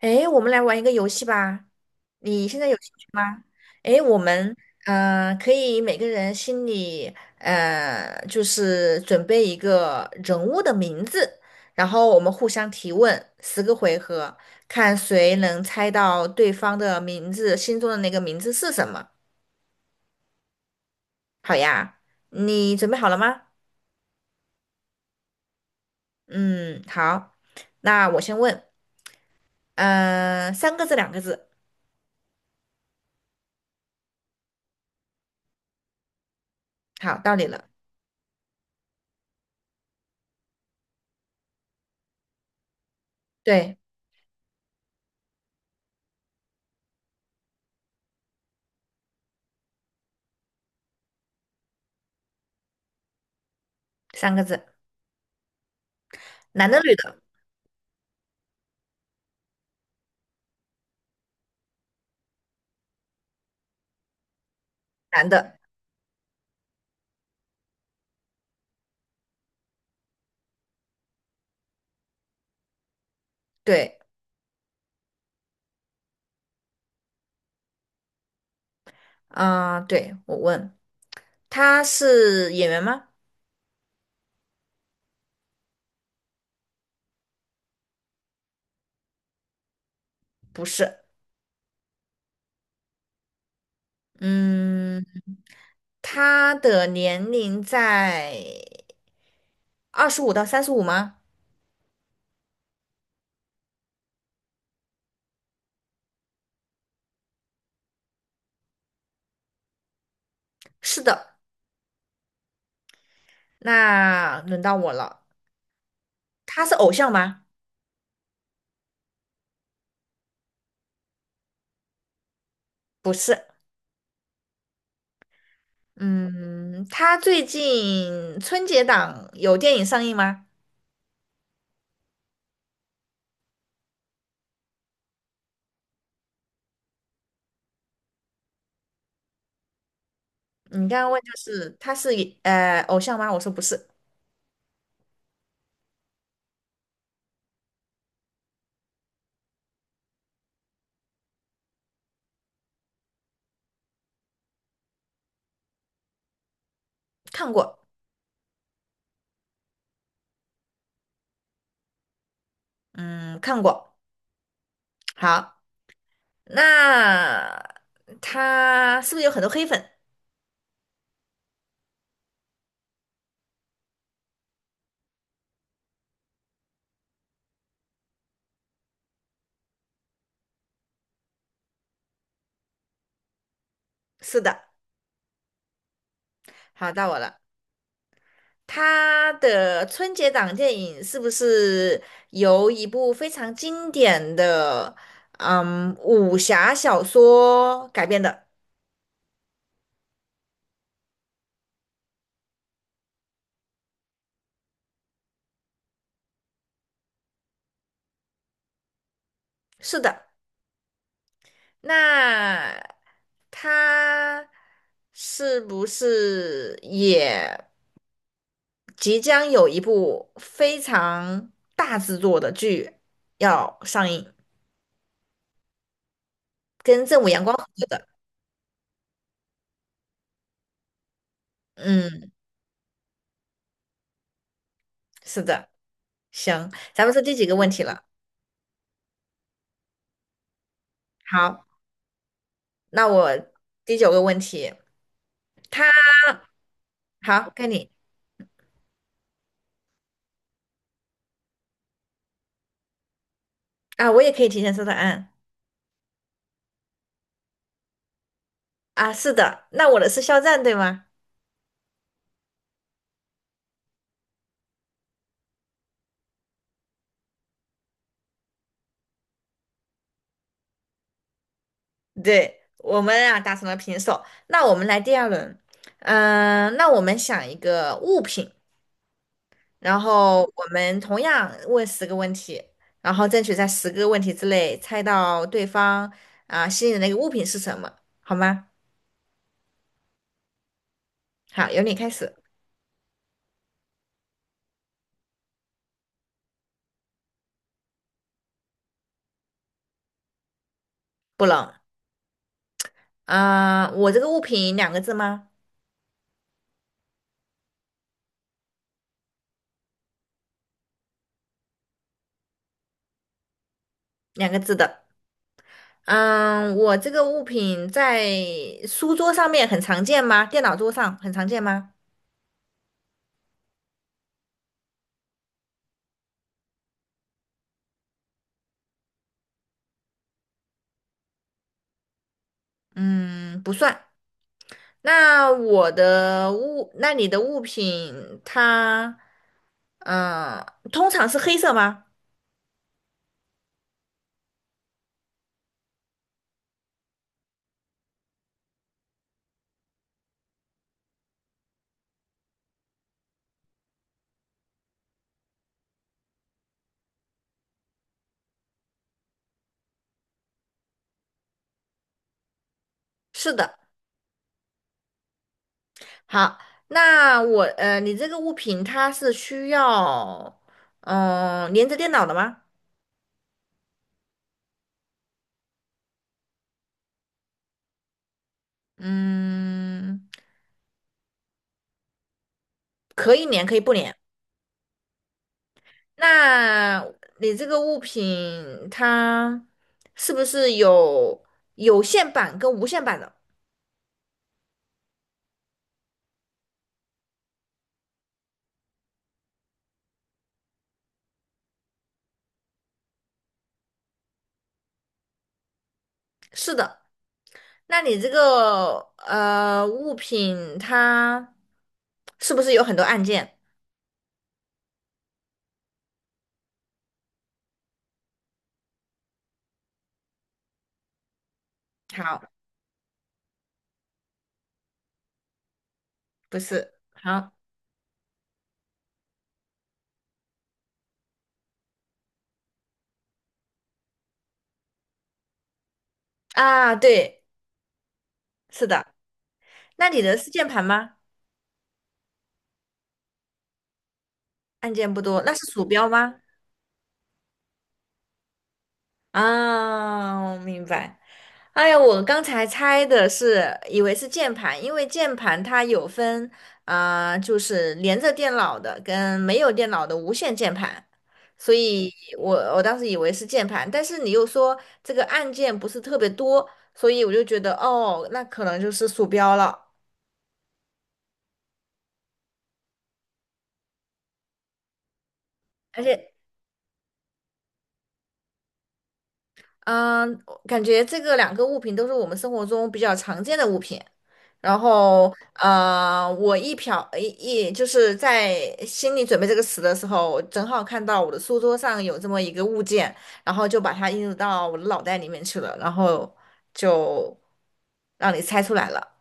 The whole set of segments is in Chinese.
诶，我们来玩一个游戏吧。你现在有兴趣吗？诶，我们可以每个人心里就是准备一个人物的名字，然后我们互相提问10个回合，看谁能猜到对方的名字，心中的那个名字是什么。好呀，你准备好了吗？嗯，好，那我先问，三个字，两个字。好，到你了。对，三个字，男的，女的，男的。对，对，我问，他是演员吗？不是，嗯，他的年龄在25到35吗？是的，那轮到我了。他是偶像吗？不是，嗯，他最近春节档有电影上映吗？你刚刚问就是他是偶像吗？我说不是，看过，嗯，看过。好，那他是不是有很多黑粉？是的，好，到我了。他的春节档电影是不是由一部非常经典的武侠小说改编的？是的。那他是不是也即将有一部非常大制作的剧要上映，跟正午阳光合作的？嗯，是的。行，咱们是第几个问题了？好。那我第九个问题，他好，该你我也可以提前说答案啊，是的，那我的是肖战对吗？对，我们啊打成了平手，那我们来第二轮，那我们想一个物品，然后我们同样问十个问题，然后争取在十个问题之内猜到对方心里的那个物品是什么，好吗？好，由你开始，不冷我这个物品两个字吗？两个字的。嗯，我这个物品在书桌上面很常见吗？电脑桌上很常见吗？嗯，不算。那你的物品它，嗯，通常是黑色吗？是的。好，你这个物品它是需要，连着电脑的吗？嗯，可以连，可以不连。那你这个物品它是不是有有线版跟无线版的？是的。那你这个物品它是不是有很多按键？好，不是。好啊，对，是的。那你的是键盘吗？按键不多。那是鼠标吗？啊，我明白。哎呀，我刚才猜的是，以为是键盘，因为键盘它有分，就是连着电脑的跟没有电脑的无线键盘，所以我当时以为是键盘，但是你又说这个按键不是特别多，所以我就觉得哦，那可能就是鼠标了，而且嗯，感觉这个两个物品都是我们生活中比较常见的物品。然后，我一瞟一一就是在心里准备这个词的时候，我正好看到我的书桌上有这么一个物件，然后就把它映入到我的脑袋里面去了，然后就让你猜出来了。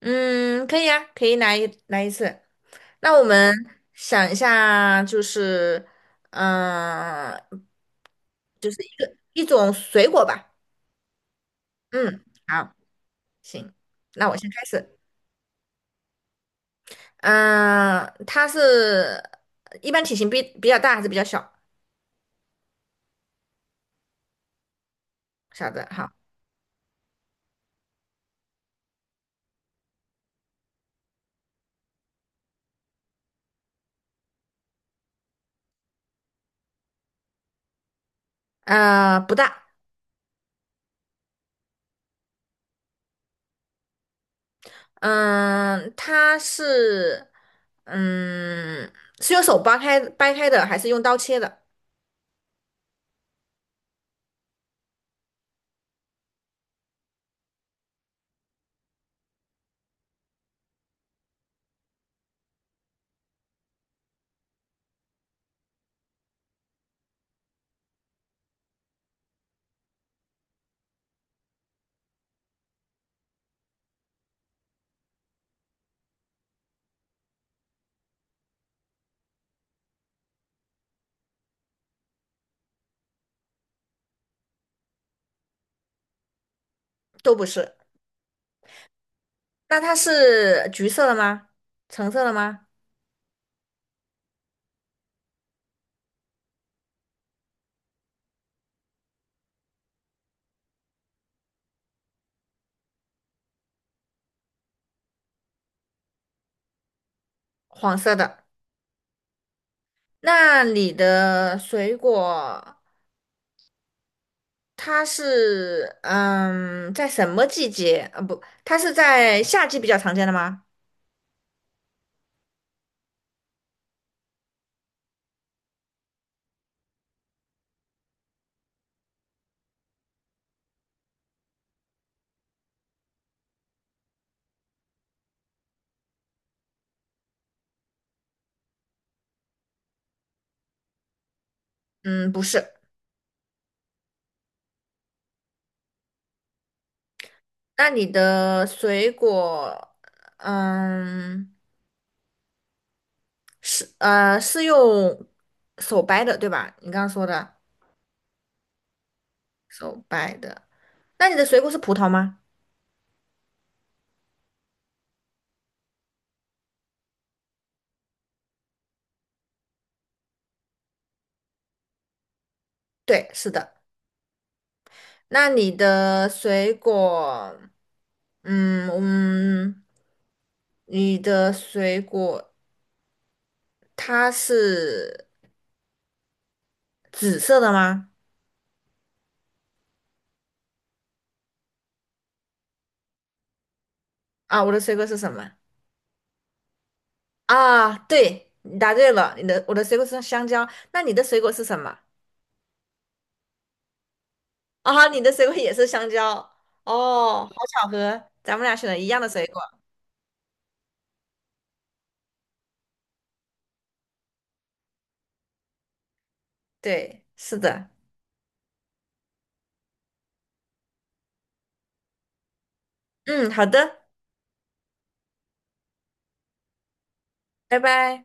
嗯，可以啊，可以来一次。那我们想一下，就是，嗯、就是一种水果吧。嗯，好，行，那我先开始。它是一般体型比较大还是比较小？小的，好，不大。嗯、它是，嗯，是用手掰开的，还是用刀切的？都不是。那它是橘色的吗？橙色的吗？黄色的。那你的水果？它是在什么季节？不，它是在夏季比较常见的吗？嗯，不是。那你的水果，嗯，是用手掰的，对吧？你刚刚说的手掰的。那你的水果是葡萄吗？对，是的。那你的水果，嗯嗯，你的水果它是紫色的吗？啊，我的水果是什么？啊，对，你答对了，我的水果是香蕉，那你的水果是什么？啊，你的水果也是香蕉，哦，好巧合，咱们俩选了一样的水果。对，是的，嗯，好的，拜拜。